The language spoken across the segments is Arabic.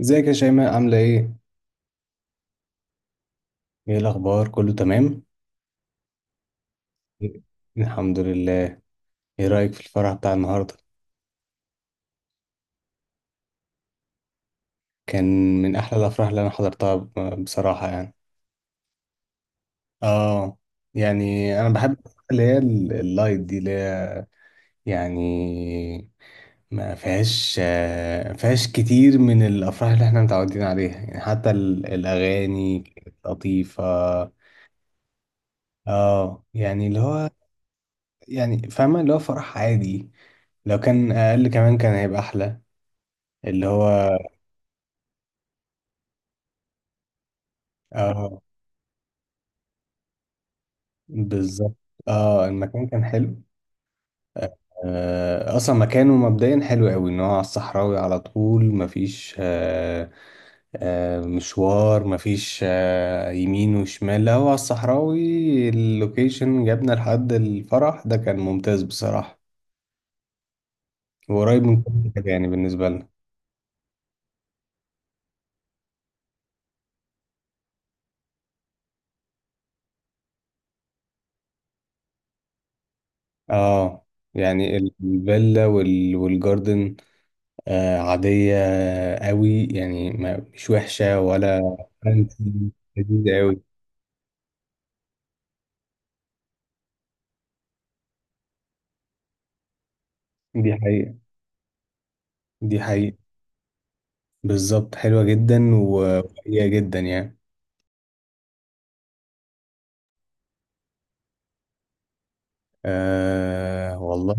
ازيك يا شيماء، عاملة ايه؟ ايه الأخبار؟ كله تمام؟ الحمد لله. ايه رأيك في الفرح بتاع النهاردة؟ كان من أحلى الأفراح اللي أنا حضرتها بصراحة يعني. اه يعني أنا بحب الأفراح اللي هي اللايت دي اللي هي يعني ما فيهاش فيهاش كتير من الأفراح اللي احنا متعودين عليها، يعني حتى الأغاني كانت لطيفة. اه يعني اللي هو يعني فاهمة اللي هو فرح عادي. لو كان أقل كمان كان هيبقى أحلى اللي هو. اه، بالظبط. اه، المكان كان حلو. آه اصلا مكانه مبدئيا حلو قوي، ان هو على الصحراوي على طول، مفيش مشوار، مفيش يمين وشمال، لا هو على الصحراوي، اللوكيشن جابنا لحد الفرح ده كان ممتاز بصراحة، وقريب من كل حاجة يعني بالنسبة لنا. اه يعني الفيلا والجاردن، عادية قوي يعني، ما مش وحشة ولا فانسي، لذيذة قوي. دي حقيقة، دي حقيقة. بالظبط، حلوة جدا وقوية جدا يعني. أه والله،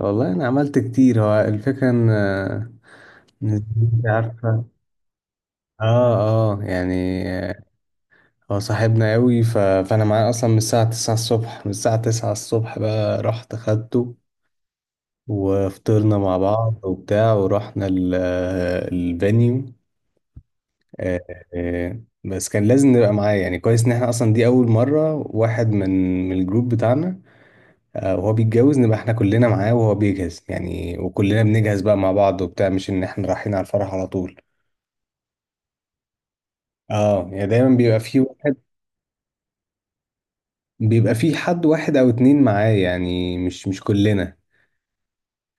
والله أنا عملت كتير، هو الفكرة إن إن أنت عارفة. اه، اه يعني آه، هو صاحبنا قوي فأنا معاه أصلا من الساعة 9 الصبح، بقى رحت خدته وفطرنا مع بعض وبتاع، ورحنا الفانيو. بس كان لازم نبقى معاه يعني، كويس ان احنا اصلا دي اول مرة واحد من الجروب بتاعنا وهو بيتجوز نبقى احنا كلنا معاه وهو بيجهز يعني، وكلنا بنجهز بقى مع بعض وبتاع، مش ان احنا رايحين على الفرح على طول. اه يعني دايما بيبقى في واحد، بيبقى في حد واحد او اتنين معاه يعني، مش كلنا.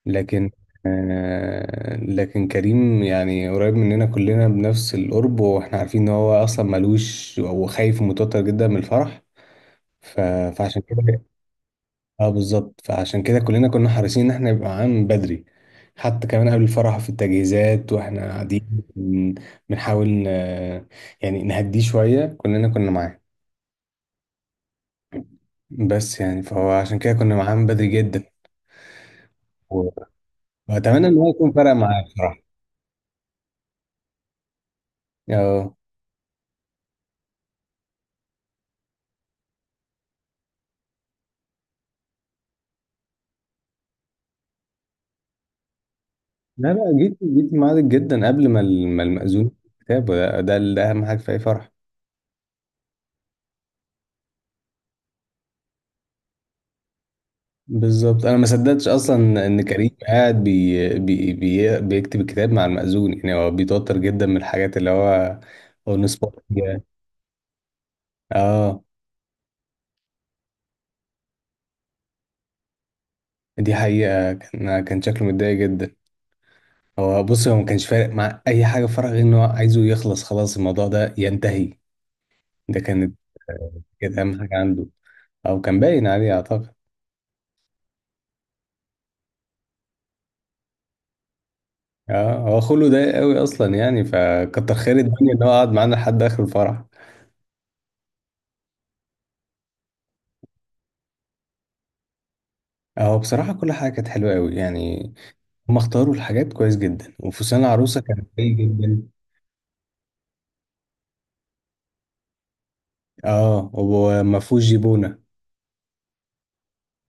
لكن لكن كريم يعني قريب مننا كلنا بنفس القرب، واحنا عارفين ان هو اصلا ملوش وخايف ومتوتر جدا من الفرح، ف... فعشان كده. اه بالظبط، فعشان كده كلنا كنا حريصين ان احنا يبقى معانا من بدري، حتى كمان قبل الفرح في التجهيزات واحنا قاعدين بن- بنحاول ن- يعني نهديه شوية، كلنا كنا معاه. بس يعني فهو عشان كده كنا معاه من بدري جدا و- واتمنى ان هو يكون فرق معاه بصراحة. اه. لا، لا جيت، جيت في ميعادك جدا قبل ما ما المأذون كتاب، ده اهم حاجة في اي فرح. بالظبط، انا ما صدقتش اصلا ان كريم قاعد بي بي بي بيكتب الكتاب مع المأذون يعني، هو بيتوتر جدا من الحاجات اللي هو نصبه فيها. اه دي حقيقة، كان شكله متضايق جدا. هو بص، هو ما كانش فارق مع اي حاجة، فرق غير ان هو عايزه يخلص، خلاص الموضوع ده ينتهي، ده كانت آه، كانت اهم حاجة عنده، او كان باين عليه اعتقد. اه، هو خلقه ضيق قوي اصلا يعني، فكتر خير الدنيا ان هو قعد معانا لحد اخر الفرح. هو بصراحة كل حاجة كانت حلوة قوي يعني، هم اختاروا الحاجات كويس جدا وفستان العروسة كان قوي جدا. اه، وما فيهوش جيبونة.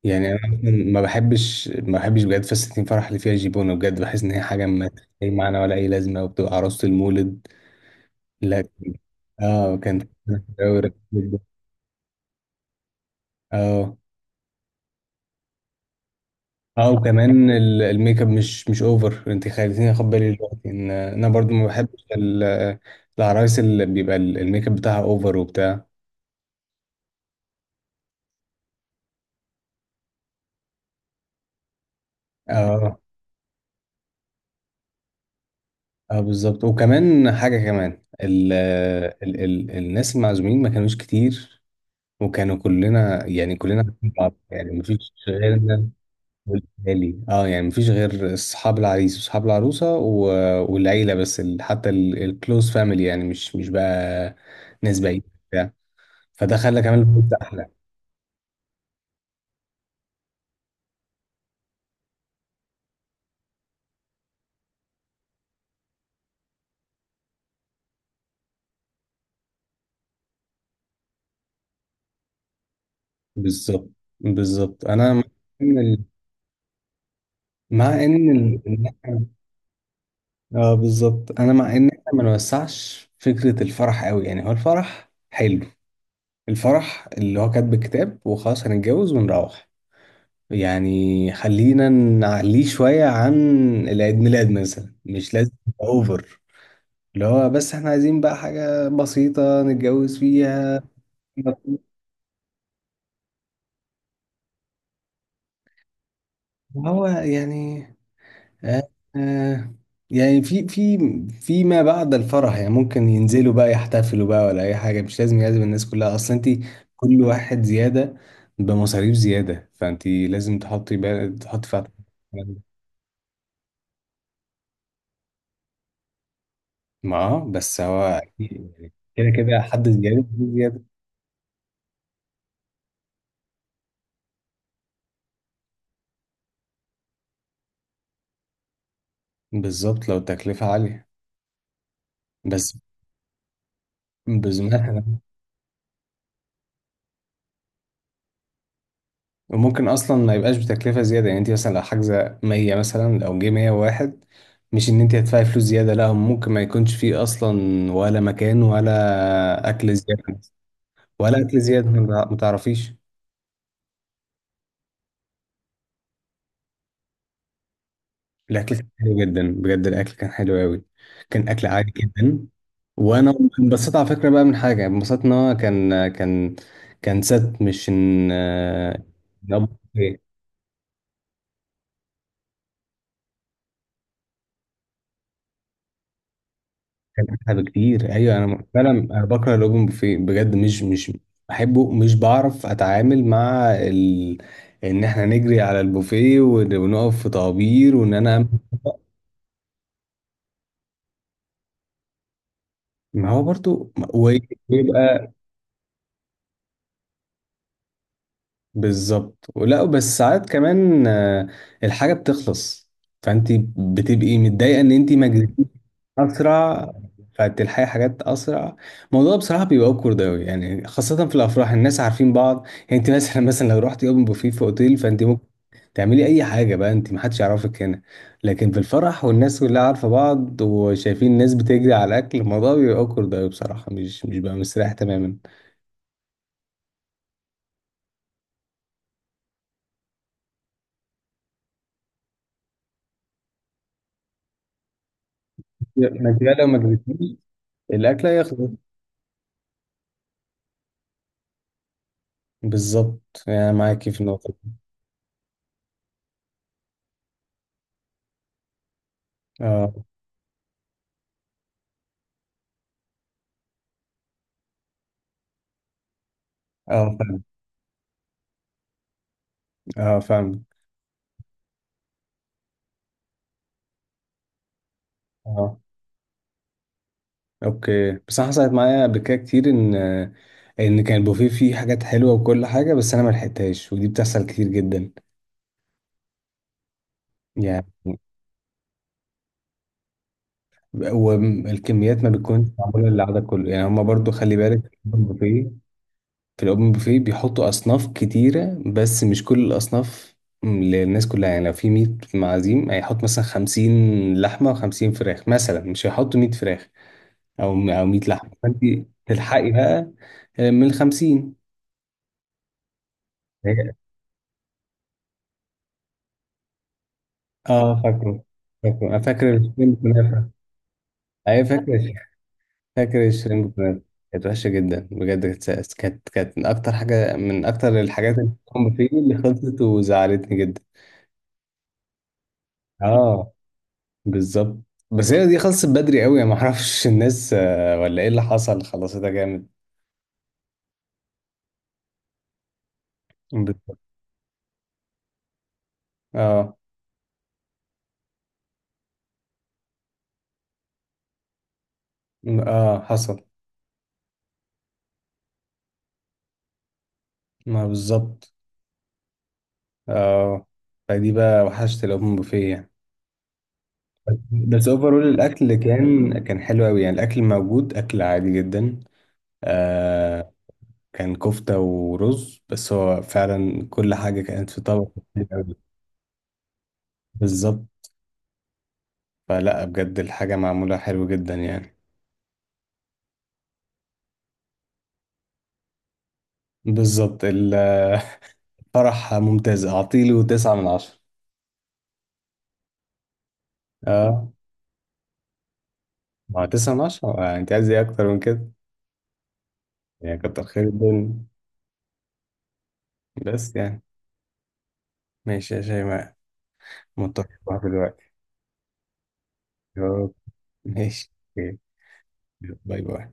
يعني انا أصلاً ما بحبش بجد فساتين فرح اللي فيها جيبونة، بجد بحس ان هي حاجة ما ملهاش اي معنى ولا اي لازمة وبتبقى عروسة المولد. لا. اه كان. اه، اه وكمان الميك اب مش اوفر، انت خليتيني اخد بالي دلوقتي ان انا برضو ما بحبش العرايس اللي بيبقى الميك اب بتاعها اوفر وبتاع. اه، اه بالظبط، وكمان حاجة كمان ال ال ال الناس المعزومين ما كانوش كتير، وكانوا كلنا يعني كلنا عارفين بعض يعني مفيش غيرنا. والأهالي، اه يعني مفيش غير أصحاب العريس وأصحاب العروسة والعيلة بس، ال حتى الكلوز فاميلي يعني، مش بقى ناس بعيدة بتاع، فده خلى كمان الوقت أحلى. بالظبط، بالظبط، أنا مع إن مع إن ال- اه بالظبط، انا مع ان احنا ما نوسعش فكره الفرح قوي يعني، هو الفرح حلو، الفرح اللي هو كاتب الكتاب وخلاص هنتجوز ونروح يعني، خلينا نعليه شويه عن العيد ميلاد مثلا، مش لازم يبقى اوفر اللي هو، بس احنا عايزين بقى حاجه بسيطه نتجوز فيها. هو يعني آه، آه، يعني في في ما بعد الفرح يعني، ممكن ينزلوا بقى يحتفلوا بقى ولا اي حاجه، مش لازم يعزم الناس كلها اصلا. انت كل واحد زياده بمصاريف زياده، فانت لازم تحطي بقى تحطي في اعتبارك الكلام ده. ما بس هو أكيد يعني كده كده حد زياده زياده. بالظبط لو التكلفه عاليه بس. بس وممكن اصلا ما يبقاش بتكلفه زياده يعني، انت مثلا لو حاجزه 100 مثلا لو جه 101، مش ان انت هتدفعي فلوس زياده لا، ممكن ما يكونش فيه اصلا ولا مكان ولا اكل زياده، ولا اكل زياده ما تعرفيش. الاكل كان حلو جدا بجد، الاكل كان حلو قوي، كان اكل عادي جدا وانا انبسطت على فكره بقى، من حاجه انبسطت ان هو كان ست مش ان إن كان احلى بكتير. ايوه انا فعلا انا بكره الاوبن بوفيه بجد، مش بحبه، مش بعرف اتعامل مع ان احنا نجري على البوفيه ونقف في طوابير، وان انا أمسك طبق. ما هو برضو ويبقى بالظبط، ولا بس ساعات كمان الحاجه بتخلص، فانت بتبقي متضايقه ان انت ما اسرع، بتاعت الحياة حاجات اسرع. الموضوع بصراحه بيبقى اوكورد اوي يعني، خاصه في الافراح الناس عارفين بعض يعني، انت مثلا لو رحت يوم بوفيه في اوتيل فانت ممكن تعملي اي حاجه بقى انت، محدش يعرفك هنا. لكن في الفرح والناس كلها عارفه بعض وشايفين الناس بتجري على الاكل، الموضوع بيبقى اوكورد اوي بصراحه، مش بقى مستريح تماما. ما انت بقى لو ما جريتيش الاكل هيخلص. بالظبط يعني معاكي في النقطه دي. اه، اه فاهم، اه فاهم. اوكي، بس انا حصلت معايا قبل كده كتير ان كان البوفيه فيه حاجات حلوه وكل حاجه بس انا ما لحقتهاش، ودي بتحصل كتير جدا يعني. والكميات ما بتكونش معموله للعدد كله يعني، هما برضو خلي بالك في الاوبن بوفيه، في الاوبن بوفيه بيحطوا اصناف كتيره بس مش كل الاصناف للناس كلها يعني، لو في 100 معازيم هيحط مثلا 50 لحمه و50 فراخ مثلا، مش هيحطوا 100 فراخ او 100 لحمه، فانت تلحقي بقى من ال 50. اه فاكره، فاكره، انا فاكر الشريمب كنافه. ايوه فاكر، فاكر الشريمب كنافه، كانت وحشه جدا بجد، كانت من اكتر حاجه، من اكتر الحاجات اللي كنت فيه اللي خلصت وزعلتني جدا. اه بالظبط، بس هي دي خلصت بدري قوي، ما اعرفش الناس ولا ايه اللي حصل، خلصتها جامد. بالظبط. اه اه حصل. ما بالظبط. اه، فدي بقى وحشت الاوبن بوفيه يعني. بس اوفرول الاكل كان حلو قوي يعني، الاكل موجود اكل عادي جدا آه، كان كفتة ورز، بس هو فعلا كل حاجة كانت في طبق. كتير أوي. بالظبط، فلا بجد الحاجة معمولة حلو جدا يعني. بالظبط الفرح ممتاز، أعطيله تسعة من 10. اه، ما هو تسعة من 10، أنت عايز إيه أكتر من كده يعني، كتر خير الدنيا بس يعني. ماشي يا شيماء، متفق معاك دلوقتي. يا رب. ماشي. أوكي. باي باي.